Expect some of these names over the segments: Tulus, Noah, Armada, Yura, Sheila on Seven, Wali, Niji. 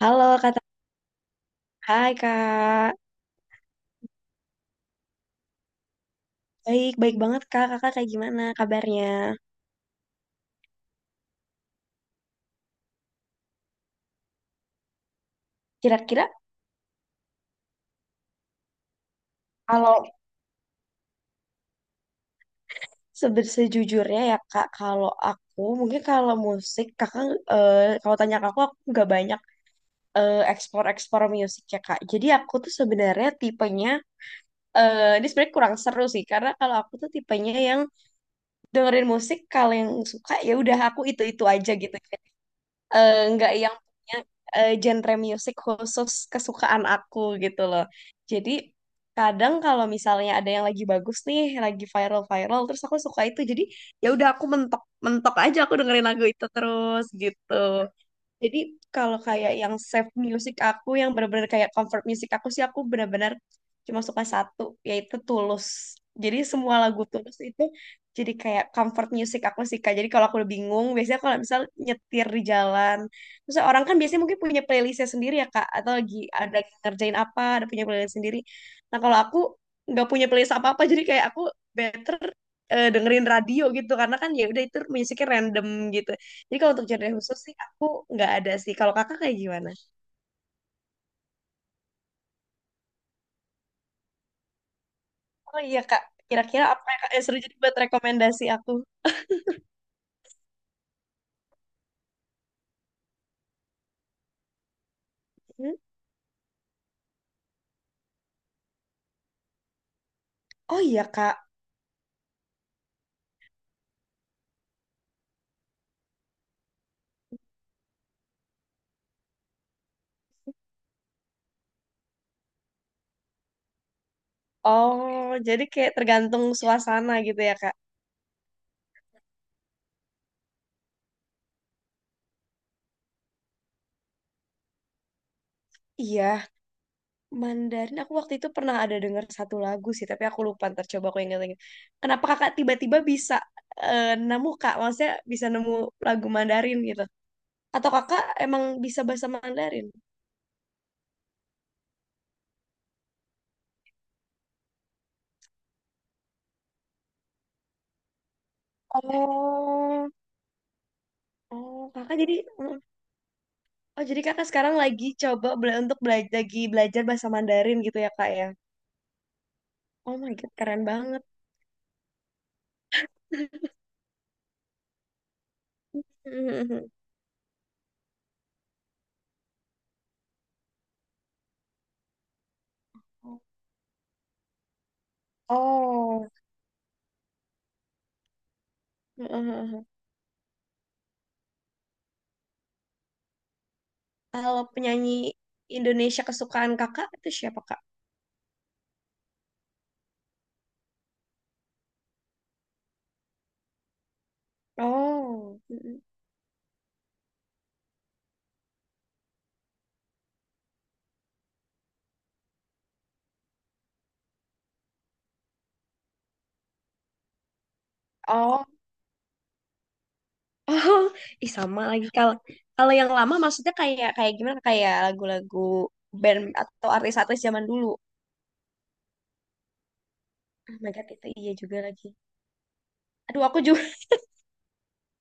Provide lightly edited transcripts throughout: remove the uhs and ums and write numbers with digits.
Halo Kak, hai Kak. Baik, baik banget Kak. Kakak kayak gimana kabarnya? Kira-kira kalau sejujurnya ya Kak, kalau aku mungkin kalau musik Kakak kalau tanya ke aku nggak banyak ekspor-ekspor musik ya Kak. Jadi aku tuh sebenarnya tipenya ini sebenarnya kurang seru sih karena kalau aku tuh tipenya yang dengerin musik kalau yang suka ya udah aku itu-itu aja gitu. Nggak yang punya genre musik khusus kesukaan aku gitu loh. Jadi kadang kalau misalnya ada yang lagi bagus nih, lagi viral-viral, terus aku suka itu. Jadi ya udah aku mentok mentok aja aku dengerin lagu itu terus gitu. Jadi kalau kayak yang save music aku, yang benar-benar kayak comfort music aku sih, aku benar-benar cuma suka satu, yaitu Tulus. Jadi semua lagu Tulus itu jadi kayak comfort music aku sih, Kak. Jadi kalau aku udah bingung, biasanya kalau misal nyetir di jalan, terus orang kan biasanya mungkin punya playlistnya sendiri ya, Kak. Atau lagi ada yang ngerjain apa, ada punya playlist sendiri. Nah kalau aku nggak punya playlist apa-apa, jadi kayak aku better dengerin radio gitu, karena kan ya udah itu musiknya random gitu jadi kalau untuk genre khusus sih aku nggak ada sih. Kalau kakak kayak gimana? Oh iya kak, kira-kira apa yang kak yang seru jadi buat rekomendasi aku? Hmm? Oh iya kak. Oh, jadi kayak tergantung suasana gitu ya kak? Iya, Mandarin aku waktu itu pernah ada dengar satu lagu sih, tapi aku lupa. Ntar coba aku ingat lagi. Kenapa kakak tiba-tiba bisa nemu kak? Maksudnya bisa nemu lagu Mandarin gitu? Atau kakak emang bisa bahasa Mandarin? Oh, oh kakak jadi Oh, jadi kakak sekarang lagi coba untuk belajar belajar bahasa Mandarin gitu ya kak ya? Oh my God, keren banget. Oh, kalau penyanyi Indonesia kesukaan kakak itu siapa kak? Oh, oh, oh, ih sama lagi kalau kalau yang lama maksudnya kayak kayak gimana kayak lagu-lagu band atau artis-artis zaman dulu. Oh my God, itu iya juga lagi. Aduh, aku juga.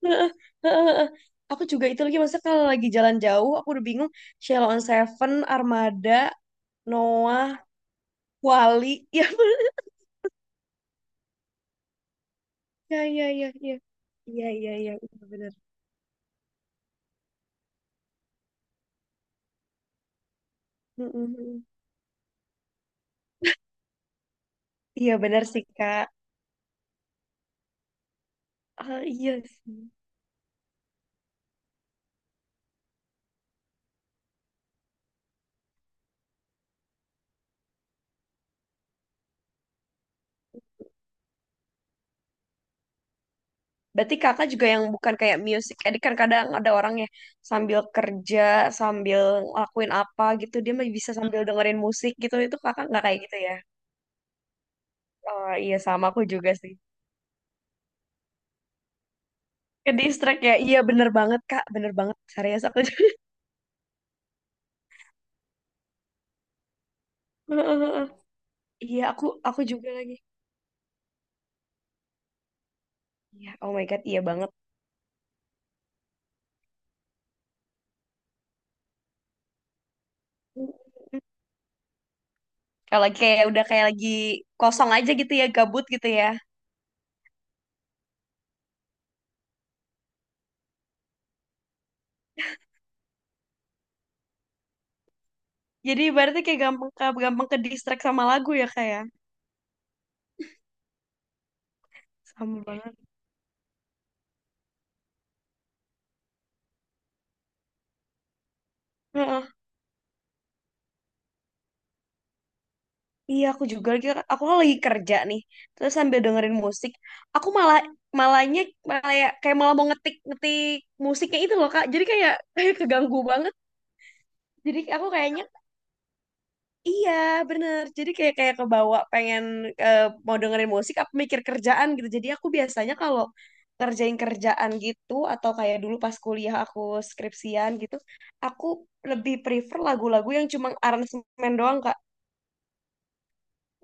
Heeh, heeh, heeh. Aku juga itu lagi masa kalau lagi jalan jauh aku udah bingung Sheila on 7, Armada, Noah, Wali. Ya, ya, ya, ya, ya. Iya, iya, iya, iya, benar. Mm-mm. Iya, benar sih, Kak. Ah, iya sih. Berarti Kakak juga yang bukan kayak music edit kan kadang ada orang ya sambil kerja, sambil lakuin apa gitu, dia masih bisa sambil dengerin musik gitu. Itu Kakak nggak kayak gitu ya? Oh, iya sama aku juga sih. Ke distract ya. Iya, bener banget, Kak. Bener banget. Serius aku. Heeh, heeh. Iya, aku juga lagi. Iya, oh my God, iya banget. Kalau lagi kayak udah kayak lagi kosong aja gitu ya, gabut gitu ya. Jadi berarti kayak gampang gampang ke distract sama lagu ya kayak. Sama banget. Heeh. Iya, aku juga lagi aku kan lagi kerja nih. Terus sambil dengerin musik, aku malah malahnya malah ya, kayak malah mau ngetik ngetik musiknya itu loh, Kak. Jadi kayak kayak keganggu banget. Jadi aku kayaknya. Iya, bener. Jadi kayak kayak kebawa pengen eh, mau dengerin musik apa mikir kerjaan gitu. Jadi aku biasanya kalau kerjain kerjaan gitu atau kayak dulu pas kuliah aku skripsian gitu, aku lebih prefer lagu-lagu yang cuma aransemen doang, Kak.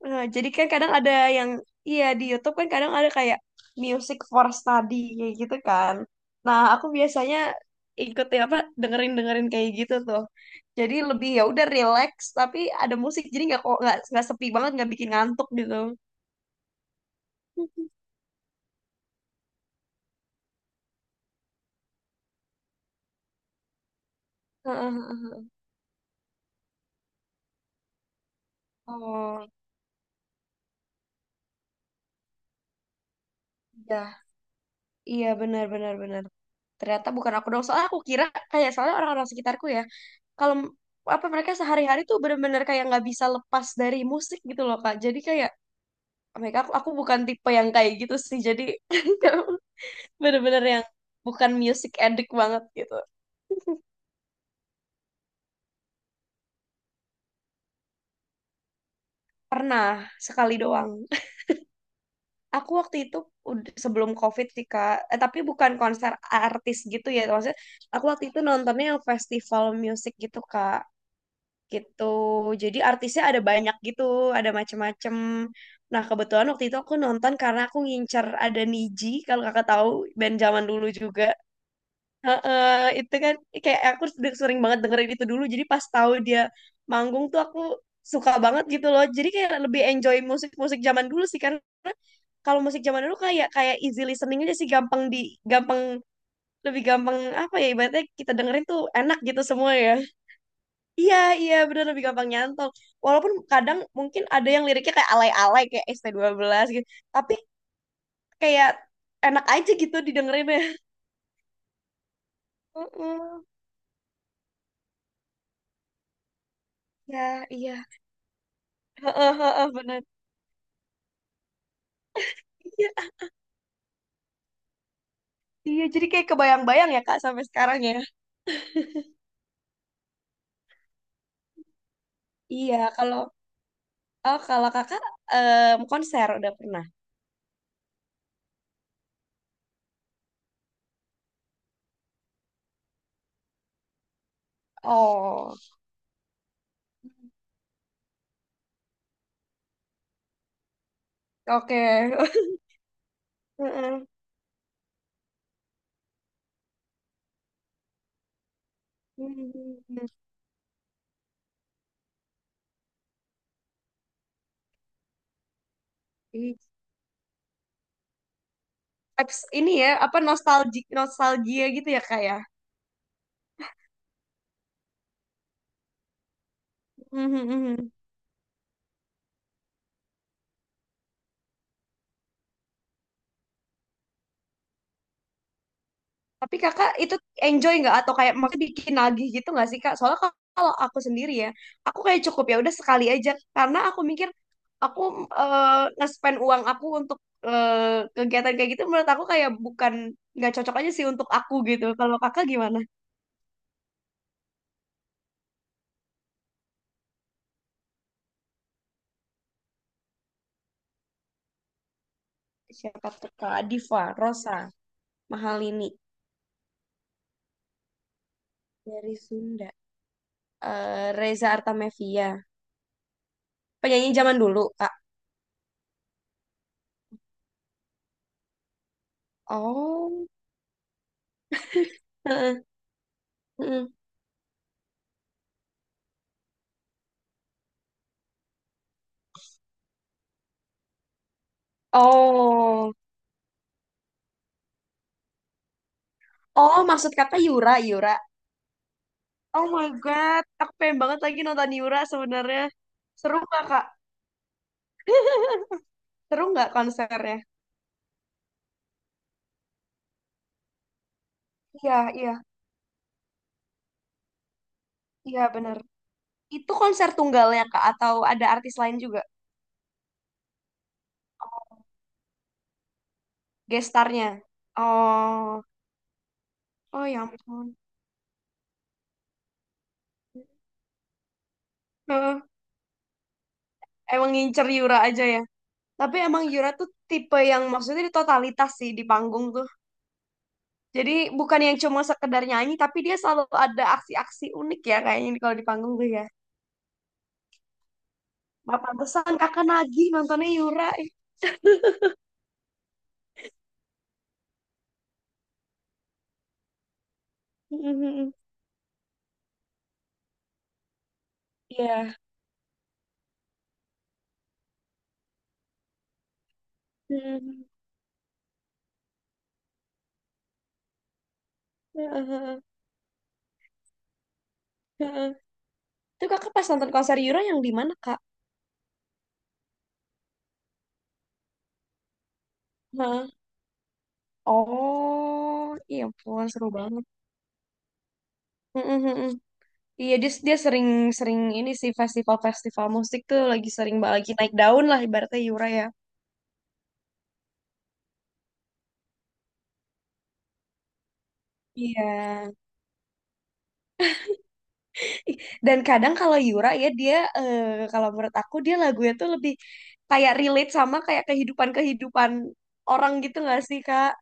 Nah, jadi kan kadang ada yang iya di YouTube kan kadang ada kayak music for study kayak gitu kan. Nah, aku biasanya ikut ya apa dengerin-dengerin kayak gitu tuh. Jadi lebih ya udah relax tapi ada musik jadi nggak kok nggak sepi banget nggak bikin ngantuk gitu. Heeh, heeh. Oh, iya. Iya benar benar benar. Ternyata bukan aku dong. Soalnya aku kira kayak soalnya orang-orang sekitarku ya, kalau apa mereka sehari-hari tuh bener-bener kayak nggak bisa lepas dari musik gitu loh, Kak. Jadi kayak mereka aku, bukan tipe yang kayak gitu sih jadi bener-bener yang bukan music addict banget gitu pernah sekali doang aku waktu itu sebelum COVID sih kak tapi bukan konser artis gitu ya maksudnya aku waktu itu nontonnya yang festival musik gitu kak gitu jadi artisnya ada banyak gitu ada macem-macem nah kebetulan waktu itu aku nonton karena aku ngincer ada Niji kalau kakak tahu band zaman dulu juga. Heeh, itu kan kayak aku sering banget dengerin itu dulu. Jadi pas tahu dia manggung tuh aku suka banget gitu loh. Jadi kayak lebih enjoy musik-musik zaman dulu sih karena kalau musik zaman dulu kayak kayak easy listening aja sih gampang di gampang gampang apa ya ibaratnya kita dengerin tuh enak gitu semua ya. Iya, iya bener lebih gampang nyantol. Walaupun kadang mungkin ada yang liriknya kayak alay-alay kayak ST12 gitu. Tapi kayak enak aja gitu didengerin ya. Heeh. Ya, iya. Heeh, heeh, bener. Iya, iya, jadi kayak kebayang-bayang ya Kak sampai sekarang ya. Iya, kalau oh kalau Kakak em, konser udah pernah. Oh, oke. Heeh. Hmm. Hmm. Iya. Vibes ini ya, apa nostalgia nostalgia gitu ya Kak ya. Tapi kakak itu enjoy nggak atau kayak maksudnya bikin nagih gitu nggak sih kak? Soalnya kalau aku sendiri ya, aku kayak cukup ya udah sekali aja karena aku mikir aku nge-spend uang aku untuk eh, kegiatan kayak gitu menurut aku kayak bukan nggak cocok aja sih untuk aku gitu. Kalau kakak gimana? Siapa tuh Kak Diva, Rosa, Mahalini dari Sunda. Eh, Reza Artamevia, penyanyi zaman dulu Kak. Oh, heeh, heeh. Oh, oh maksud kakak Yura, Yura. Oh my God, aku pengen banget lagi nonton Yura sebenarnya. Seru nggak Kak? Seru nggak konsernya? Iya, iya, iya bener. Itu konser tunggalnya Kak atau ada artis lain juga? Gestarnya? Oh, oh ya ampun. Heeh, emang ngincer Yura aja ya. Tapi emang Yura tuh tipe yang maksudnya di totalitas sih di panggung tuh. Jadi bukan yang cuma sekedar nyanyi, tapi dia selalu ada aksi-aksi unik ya kayaknya kalau di panggung tuh ya. Nah, pantesan kakak nagih nontonnya Yura. Iya. Hmm. Heeh, heeh. Itu kakak pas nonton konser Euro yang di mana, Kak? Hah? Oh, iya ampun, seru banget. Mm, mm, mm, mm. Iya, dia sering sering ini sih festival-festival musik tuh lagi sering lagi naik daun lah ibaratnya Yura ya. Iya. Ih, dan kadang kalau Yura ya dia kalau menurut aku dia lagunya tuh lebih kayak relate sama kayak kehidupan-kehidupan orang gitu nggak sih, Kak?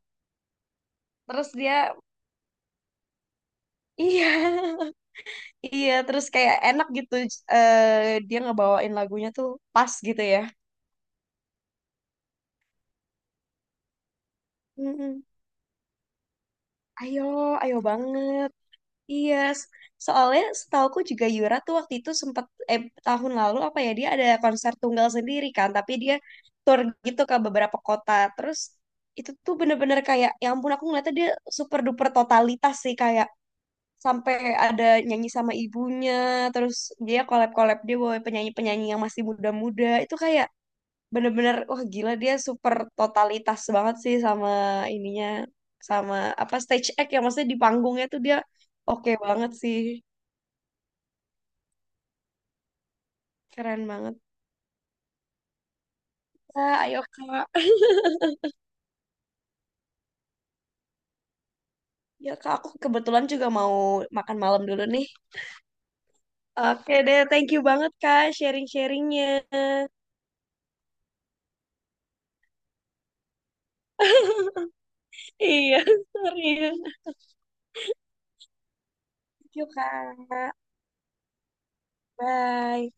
Terus dia iya. Iya, terus kayak enak gitu dia ngebawain lagunya tuh pas gitu ya. Mm-mm. Ayo, ayo banget. Iya, soalnya setauku juga Yura tuh waktu itu sempat eh, tahun lalu apa ya dia ada konser tunggal sendiri kan, tapi dia tour gitu ke beberapa kota. Terus itu tuh bener-bener kayak, ya ampun aku ngeliatnya dia super duper totalitas sih kayak sampai ada nyanyi sama ibunya, terus dia collab-collab dia bawa penyanyi-penyanyi yang masih muda-muda. Itu kayak bener-bener wah gila dia super totalitas banget sih sama ininya sama apa stage act ya maksudnya di panggungnya tuh dia oke banget sih keren banget. Kak, ayo kak ya kak aku kebetulan juga mau makan malam dulu nih oke deh thank you banget kak sharing-sharingnya iya serius thank you kak bye